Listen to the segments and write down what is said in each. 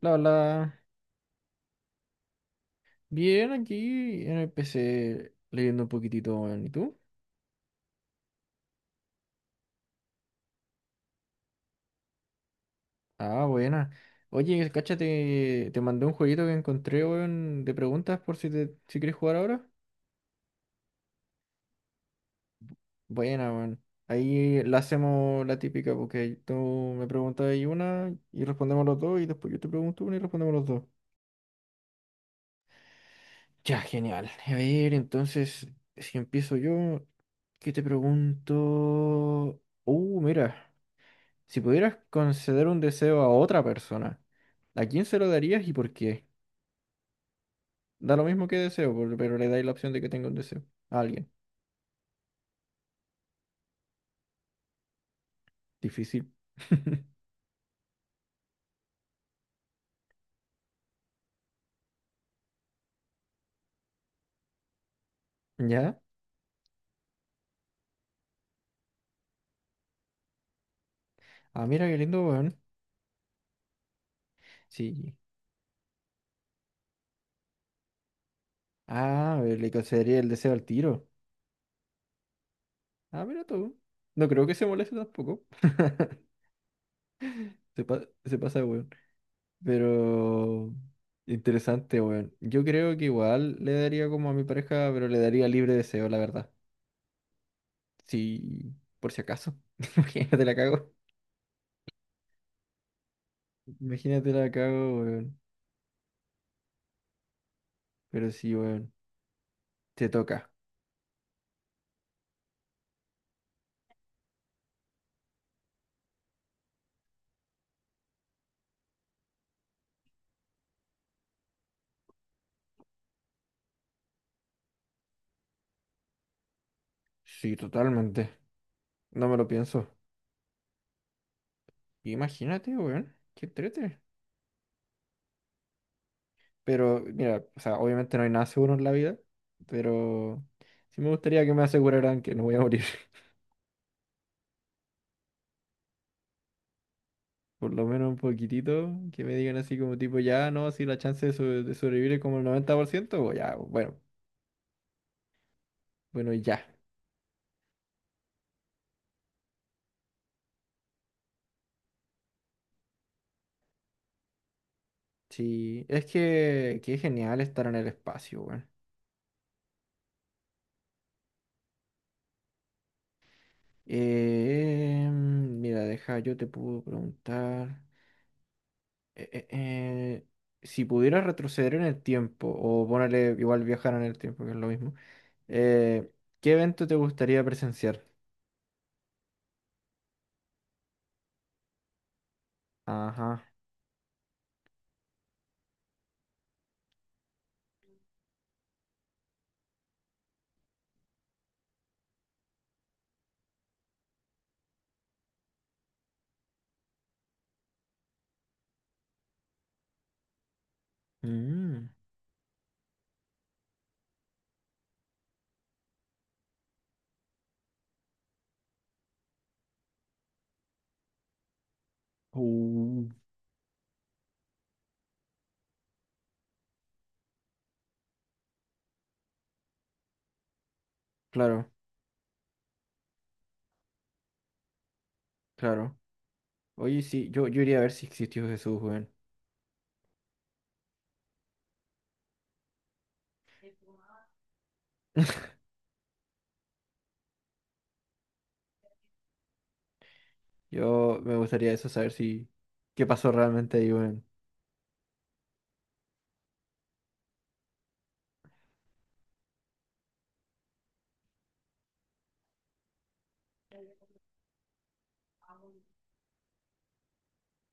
La verdad, bien aquí en el PC leyendo un poquitito, weón. ¿Y tú? Ah, buena. Oye, cáchate, te mandé un jueguito que encontré, weón, de preguntas por si quieres jugar ahora. Buena, weón. Ahí la hacemos la típica, porque tú me preguntas ahí una y respondemos los dos, y después yo te pregunto una y respondemos los dos. Ya, genial. A ver, entonces, si empiezo yo, ¿qué te pregunto? Mira. Si pudieras conceder un deseo a otra persona, ¿a quién se lo darías y por qué? Da lo mismo que deseo, pero le dais la opción de que tenga un deseo. A alguien. Difícil. ¿Ya? Ah, mira qué lindo, weón. Sí. Ah, le concedería el deseo al tiro. Ah, mira tú. No creo que se moleste tampoco. Se, se pasa, de weón. Pero... Interesante, weón. Yo creo que igual le daría como a mi pareja, pero le daría libre deseo, la verdad. Sí, por si acaso. Imagínate la cago. Imagínate la cago, weón. Pero sí, weón. Te toca. Sí, totalmente. No me lo pienso. Imagínate, weón. Qué trete. Pero, mira, o sea, obviamente no hay nada seguro en la vida. Pero sí me gustaría que me aseguraran que no voy a morir. Por lo menos un poquitito. Que me digan así como tipo, ya, no, si la chance de, de sobrevivir es como el 90%, o ya, bueno. Bueno, y ya. Sí, es que, qué genial estar en el espacio, weón. Mira, deja, yo te puedo preguntar. eh, eh, eh, si pudieras retroceder en el tiempo, o ponerle igual viajar en el tiempo, que es lo mismo, eh, ¿qué evento te gustaría presenciar? Ajá. mm, uh, claro, claro. Oye, sí, yo iría a ver si existió Jesús, weón. Yo me gustaría eso, saber si qué pasó realmente ahí, weón.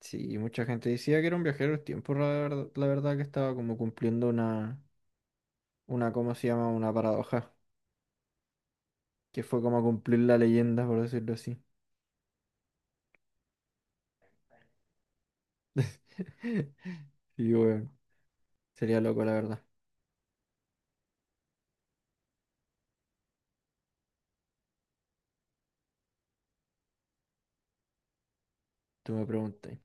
Sí, mucha gente decía que era un viajero del tiempo, la verdad que estaba como cumpliendo una, ¿cómo se llama? Una paradoja, que fue como cumplir la leyenda, por decirlo así. Y bueno, sería loco, la verdad. Tú me preguntas.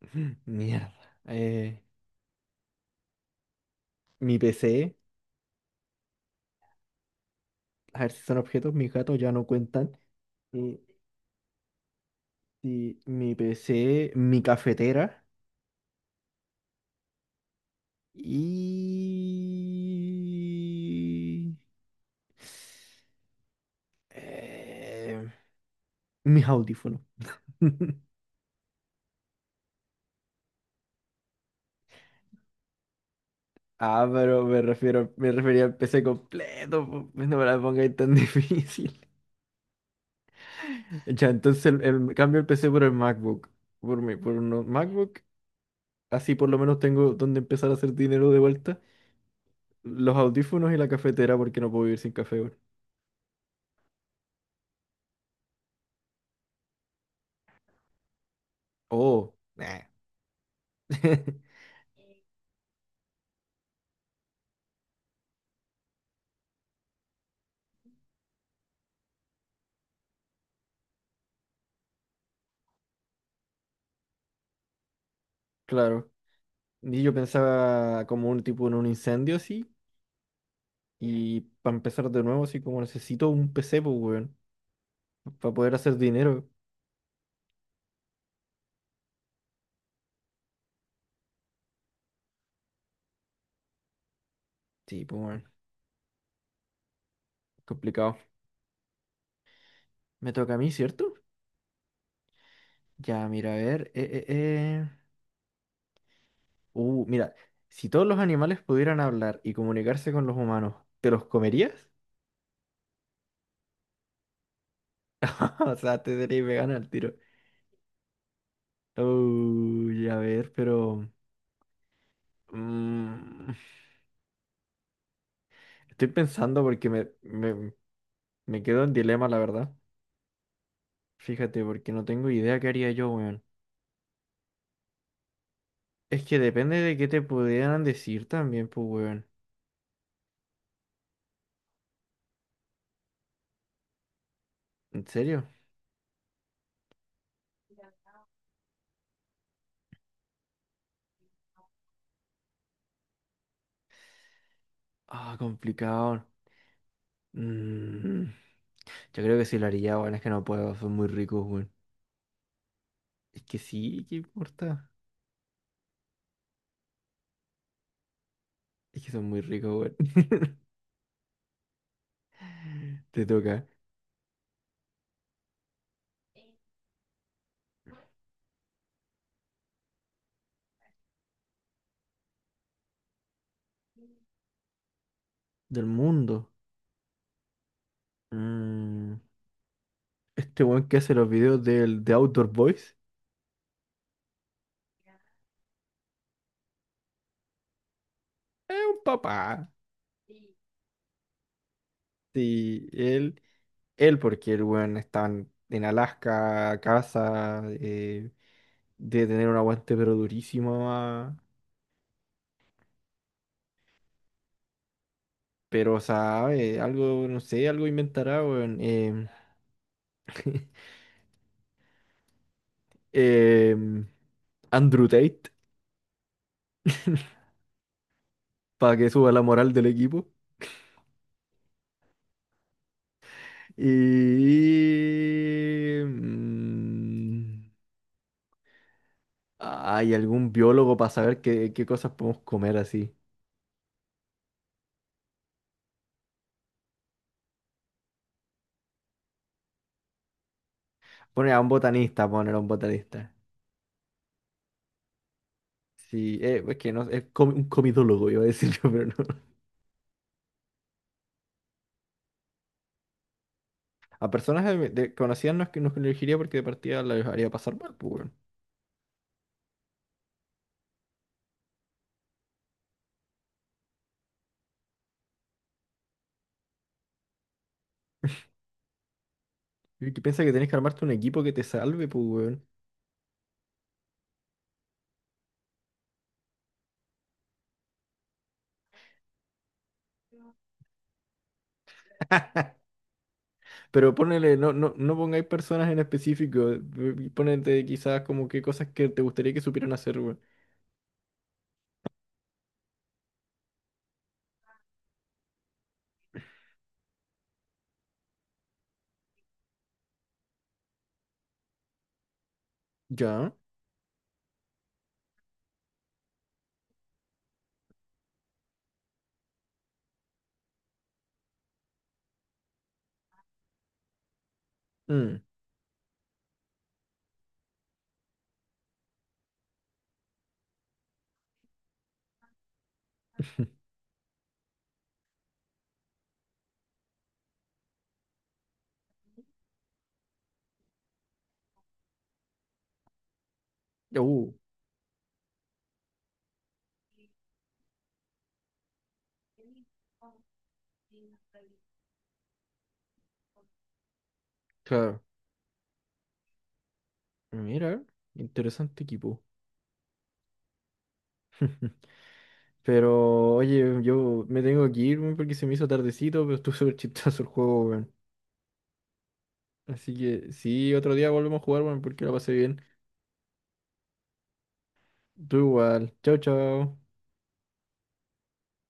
Mierda. Eh, mi PC, a ver si son objetos, mis gatos ya no cuentan. Eh, y mi PC, mi cafetera y... eh, mis audífonos. Ah, pero me refiero, me refería al PC completo, po, no me la pongáis tan difícil. Ya, entonces cambio el PC por el MacBook. Por mí, por un MacBook. Así por lo menos tengo donde empezar a hacer dinero de vuelta. Los audífonos y la cafetera porque no puedo vivir sin café, weón. Oh, nah. Claro. Y yo pensaba como un tipo en un incendio así. Y para empezar de nuevo, así como necesito un PC, pues, weón. Para poder hacer dinero. Sí, pues, weón. Complicado. Me toca a mí, ¿cierto? Ya, mira, a ver. Mira, si todos los animales pudieran hablar y comunicarse con los humanos, ¿te los comerías? O sea, te serías vegana al tiro. Uy, a ver, pero. mm, estoy pensando porque me quedo en dilema, la verdad. Fíjate, porque no tengo idea qué haría yo, weón. Es que depende de qué te pudieran decir también, pues, weón. ¿En serio? Ah, complicado. Mm, yo creo que sí lo haría, weón. Es que no puedo, son muy ricos, weón. Es que sí, ¿qué importa? Es que son muy ricos, weón. Te toca. Del mundo. Mm, este weón que hace los videos de Outdoor Boys es un papá. Sí, él porque el weón está en Alaska, casa, debe tener un aguante pero durísimo, ah, pero sabe, algo, no sé, algo inventará, weón. Em, em, Andrew Tate, para que suba la moral del equipo. Y... mm, ¿hay algún biólogo para saber qué, qué cosas podemos comer así? Poner a un botanista, poner a un botanista. Sí, es que no, es un comidólogo, iba a decir yo, pero no. A personas conocidas no es que nos elegiría porque de partida las haría pasar mal, pues, weón. Y que piensa que tenés que armarte un equipo que te salve, pues, weón. Pero ponele, no pongáis personas en específico. Ponete quizás como qué cosas que te gustaría que supieran hacer, weón. Ya. Mm. Uh, claro. Mira, interesante equipo. Pero, oye, yo me tengo que ir weón, porque se me hizo tardecito, pero estuvo súper chistoso el juego, weón. Así que sí, otro día volvemos a jugar, weón, porque la pasé bien. Tú igual. Chao, chao.